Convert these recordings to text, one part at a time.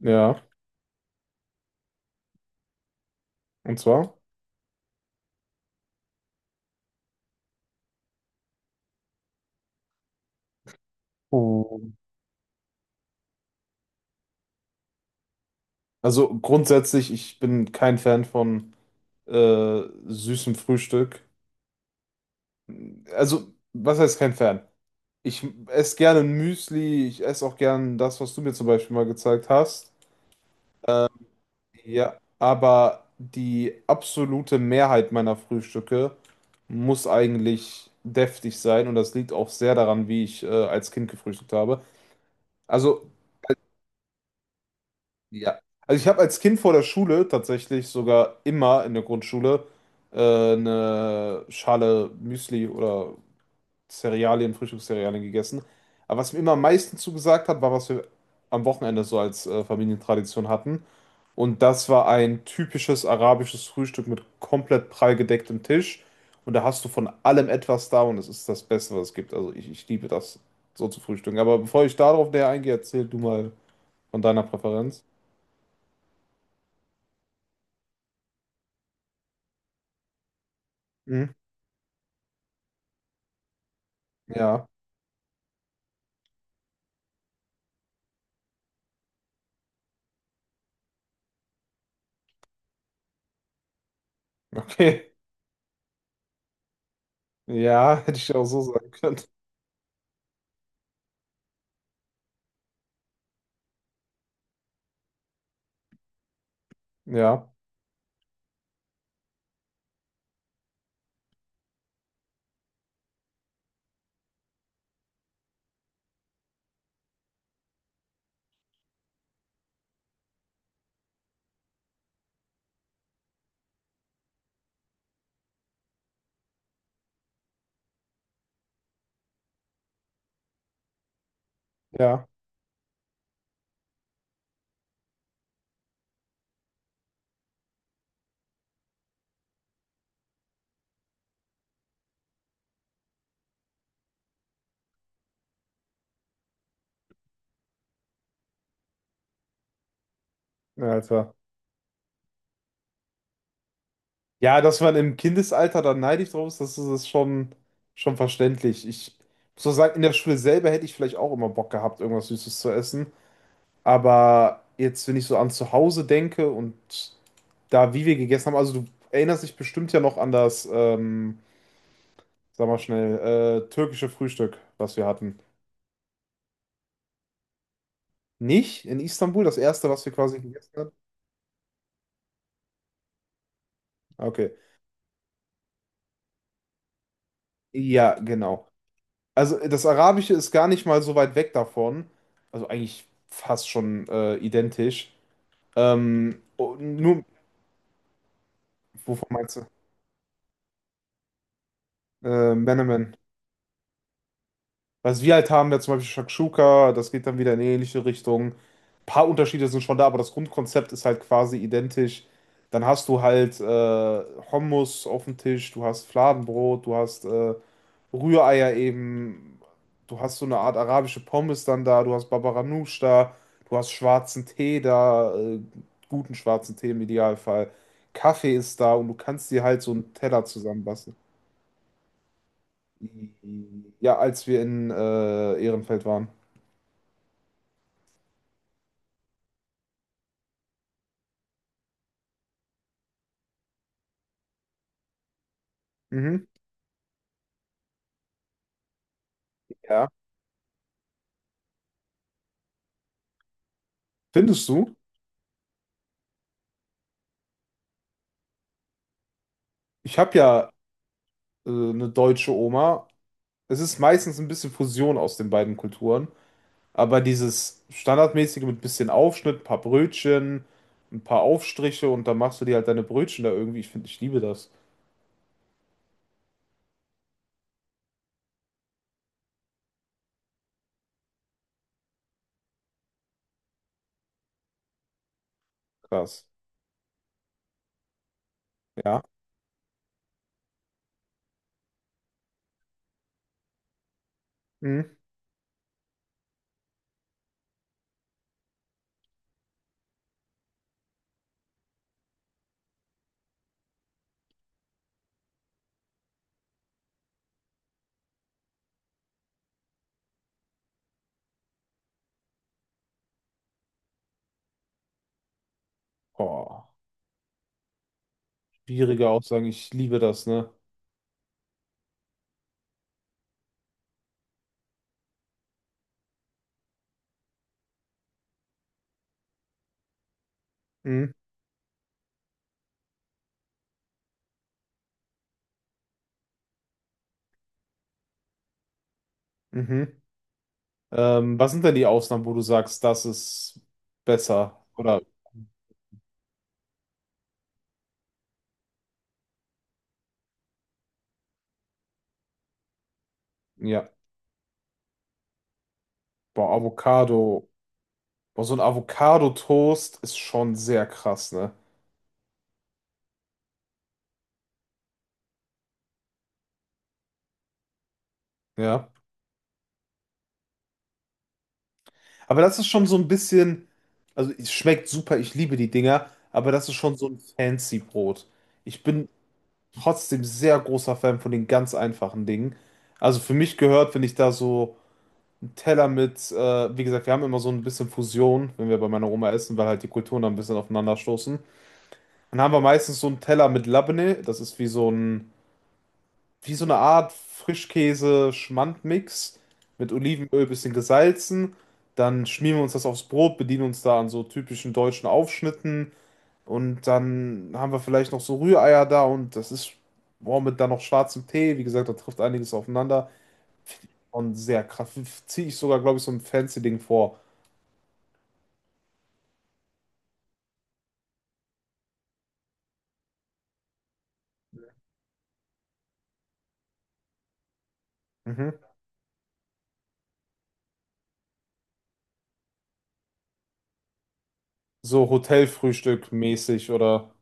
Ja, und zwar? Oh. Also grundsätzlich, ich bin kein Fan von süßem Frühstück. Also, was heißt kein Fan? Ich esse gerne Müsli, ich esse auch gerne das, was du mir zum Beispiel mal gezeigt hast. Ja, aber die absolute Mehrheit meiner Frühstücke muss eigentlich deftig sein und das liegt auch sehr daran, wie ich als Kind gefrühstückt habe. Also, ja. Also ich habe als Kind vor der Schule tatsächlich sogar immer in der Grundschule eine Schale Müsli oder Cerealien, Frühstückscerealien gegessen. Aber was mir immer am meisten zugesagt hat, war, was wir am Wochenende so als Familientradition hatten. Und das war ein typisches arabisches Frühstück mit komplett prall gedecktem Tisch. Und da hast du von allem etwas da und es ist das Beste, was es gibt. Also ich liebe das so zu frühstücken. Aber bevor ich darauf näher eingehe, erzähl du mal von deiner Präferenz. Ja, okay. Ja, hätte ich auch so sagen können. Ja, ja, ja, Alter. Ja, dass man im Kindesalter da neidisch drauf ist, das ist das schon, verständlich. Ich muss auch sagen, in der Schule selber hätte ich vielleicht auch immer Bock gehabt, irgendwas Süßes zu essen. Aber jetzt, wenn ich so an zu Hause denke und da, wie wir gegessen haben, also du erinnerst dich bestimmt ja noch an das, sag mal schnell, türkische Frühstück, was wir hatten. Nicht in Istanbul, das erste, was wir quasi gegessen haben? Okay. Ja, genau. Also das Arabische ist gar nicht mal so weit weg davon. Also eigentlich fast schon identisch. Oh, nur, wovon meinst du? Menemen. Was wir halt haben, ja zum Beispiel Shakshuka, das geht dann wieder in eine ähnliche Richtung. Ein paar Unterschiede sind schon da, aber das Grundkonzept ist halt quasi identisch. Dann hast du halt Hummus auf dem Tisch, du hast Fladenbrot, du hast Rühreier eben, du hast so eine Art arabische Pommes dann da, du hast Babaganoush da, du hast schwarzen Tee da, guten schwarzen Tee im Idealfall. Kaffee ist da und du kannst dir halt so einen Teller zusammenbasteln. Ja, als wir in Ehrenfeld waren. Mhm. Ja. Findest du? Ich habe ja eine deutsche Oma. Es ist meistens ein bisschen Fusion aus den beiden Kulturen. Aber dieses standardmäßige mit bisschen Aufschnitt, ein paar Brötchen, ein paar Aufstriche und dann machst du dir halt deine Brötchen da irgendwie. Ich finde, ich liebe das. Krass. Ja. Mhm. Oh, schwierige Aussagen. Ich liebe das, ne? Mhm. Mhm. Was sind denn die Ausnahmen, wo du sagst, das ist besser? Oder ja, boah, Avocado. Boah, so ein Avocado-Toast ist schon sehr krass, ne? Ja. Aber das ist schon so ein bisschen, also es schmeckt super, ich liebe die Dinger, aber das ist schon so ein fancy Brot. Ich bin trotzdem sehr großer Fan von den ganz einfachen Dingen. Also für mich gehört, wenn ich da so ein Teller mit, wie gesagt, wir haben immer so ein bisschen Fusion, wenn wir bei meiner Oma essen, weil halt die Kulturen da ein bisschen aufeinander stoßen. Dann haben wir meistens so einen Teller mit Labneh, das ist wie so ein wie so eine Art Frischkäse-Schmand-Mix mit Olivenöl, bisschen gesalzen. Dann schmieren wir uns das aufs Brot, bedienen uns da an so typischen deutschen Aufschnitten. Und dann haben wir vielleicht noch so Rühreier da und das ist, boah, mit dann noch schwarzem Tee. Wie gesagt, da trifft einiges aufeinander. Und sehr krass. Ziehe ich sogar, glaube ich, so ein fancy Ding vor. Mhm. So Hotelfrühstück mäßig oder.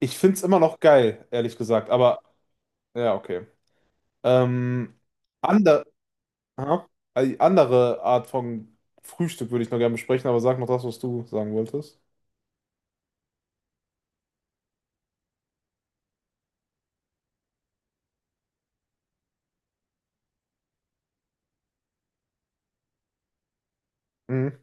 Ich finde es immer noch geil, ehrlich gesagt. Aber ja, okay. Ähm, ander, aha. Also die andere Art von Frühstück würde ich noch gerne besprechen, aber sag noch das, was du sagen wolltest. Mhm.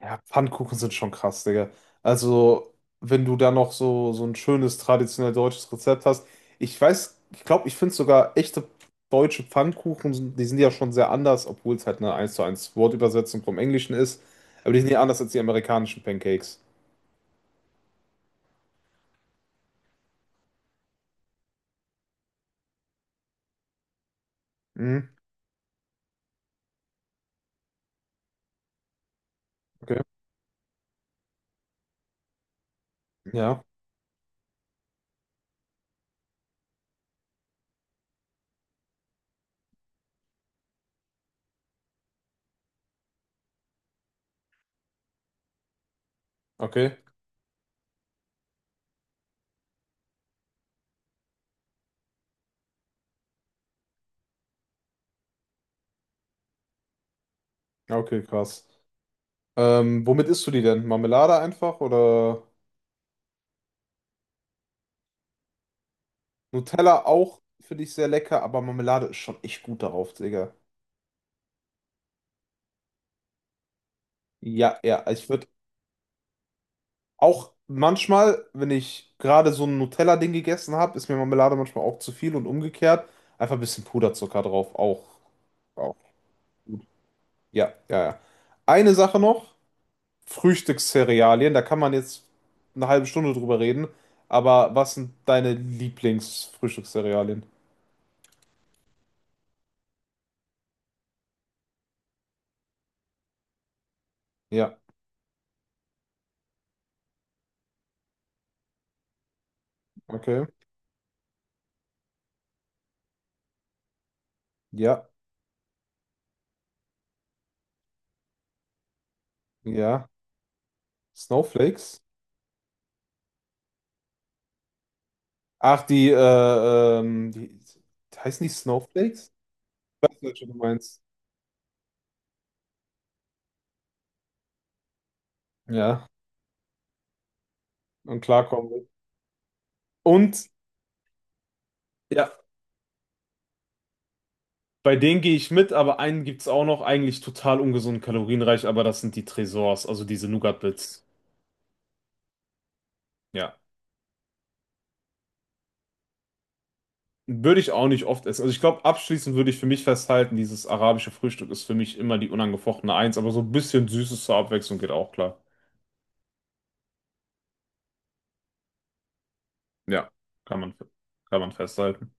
Ja, Pfannkuchen sind schon krass, Digga. Also, wenn du da noch so, so ein schönes traditionell deutsches Rezept hast. Ich weiß, ich glaube, ich finde sogar echte deutsche Pfannkuchen, die sind ja schon sehr anders, obwohl es halt eine eins zu eins Wortübersetzung vom Englischen ist. Aber die sind ja anders als die amerikanischen Pancakes. Mhm. Okay. Ja, okay. Ja, okay, krass. Womit isst du die denn? Marmelade einfach oder? Nutella auch, finde ich sehr lecker, aber Marmelade ist schon echt gut darauf, Digga. Ja, ja, also ich würde auch manchmal, wenn ich gerade so ein Nutella-Ding gegessen habe, ist mir Marmelade manchmal auch zu viel und umgekehrt. Einfach ein bisschen Puderzucker drauf, auch. Auch. Ja, ja, ja. Eine Sache noch, Frühstückscerealien, da kann man jetzt eine halbe Stunde drüber reden, aber was sind deine Lieblingsfrühstückscerealien? Ja, okay. Ja, ja. Snowflakes? Ach, die, heißen die Snowflakes? Ich weiß nicht, was du meinst. Ja, und klarkommen will. Und, ja, bei denen gehe ich mit, aber einen gibt es auch noch, eigentlich total ungesund, kalorienreich, aber das sind die Tresors, also diese Nougat-Bits. Ja. Würde ich auch nicht oft essen. Also ich glaube, abschließend würde ich für mich festhalten, dieses arabische Frühstück ist für mich immer die unangefochtene Eins, aber so ein bisschen Süßes zur Abwechslung geht auch klar. Ja, kann man, kann man festhalten.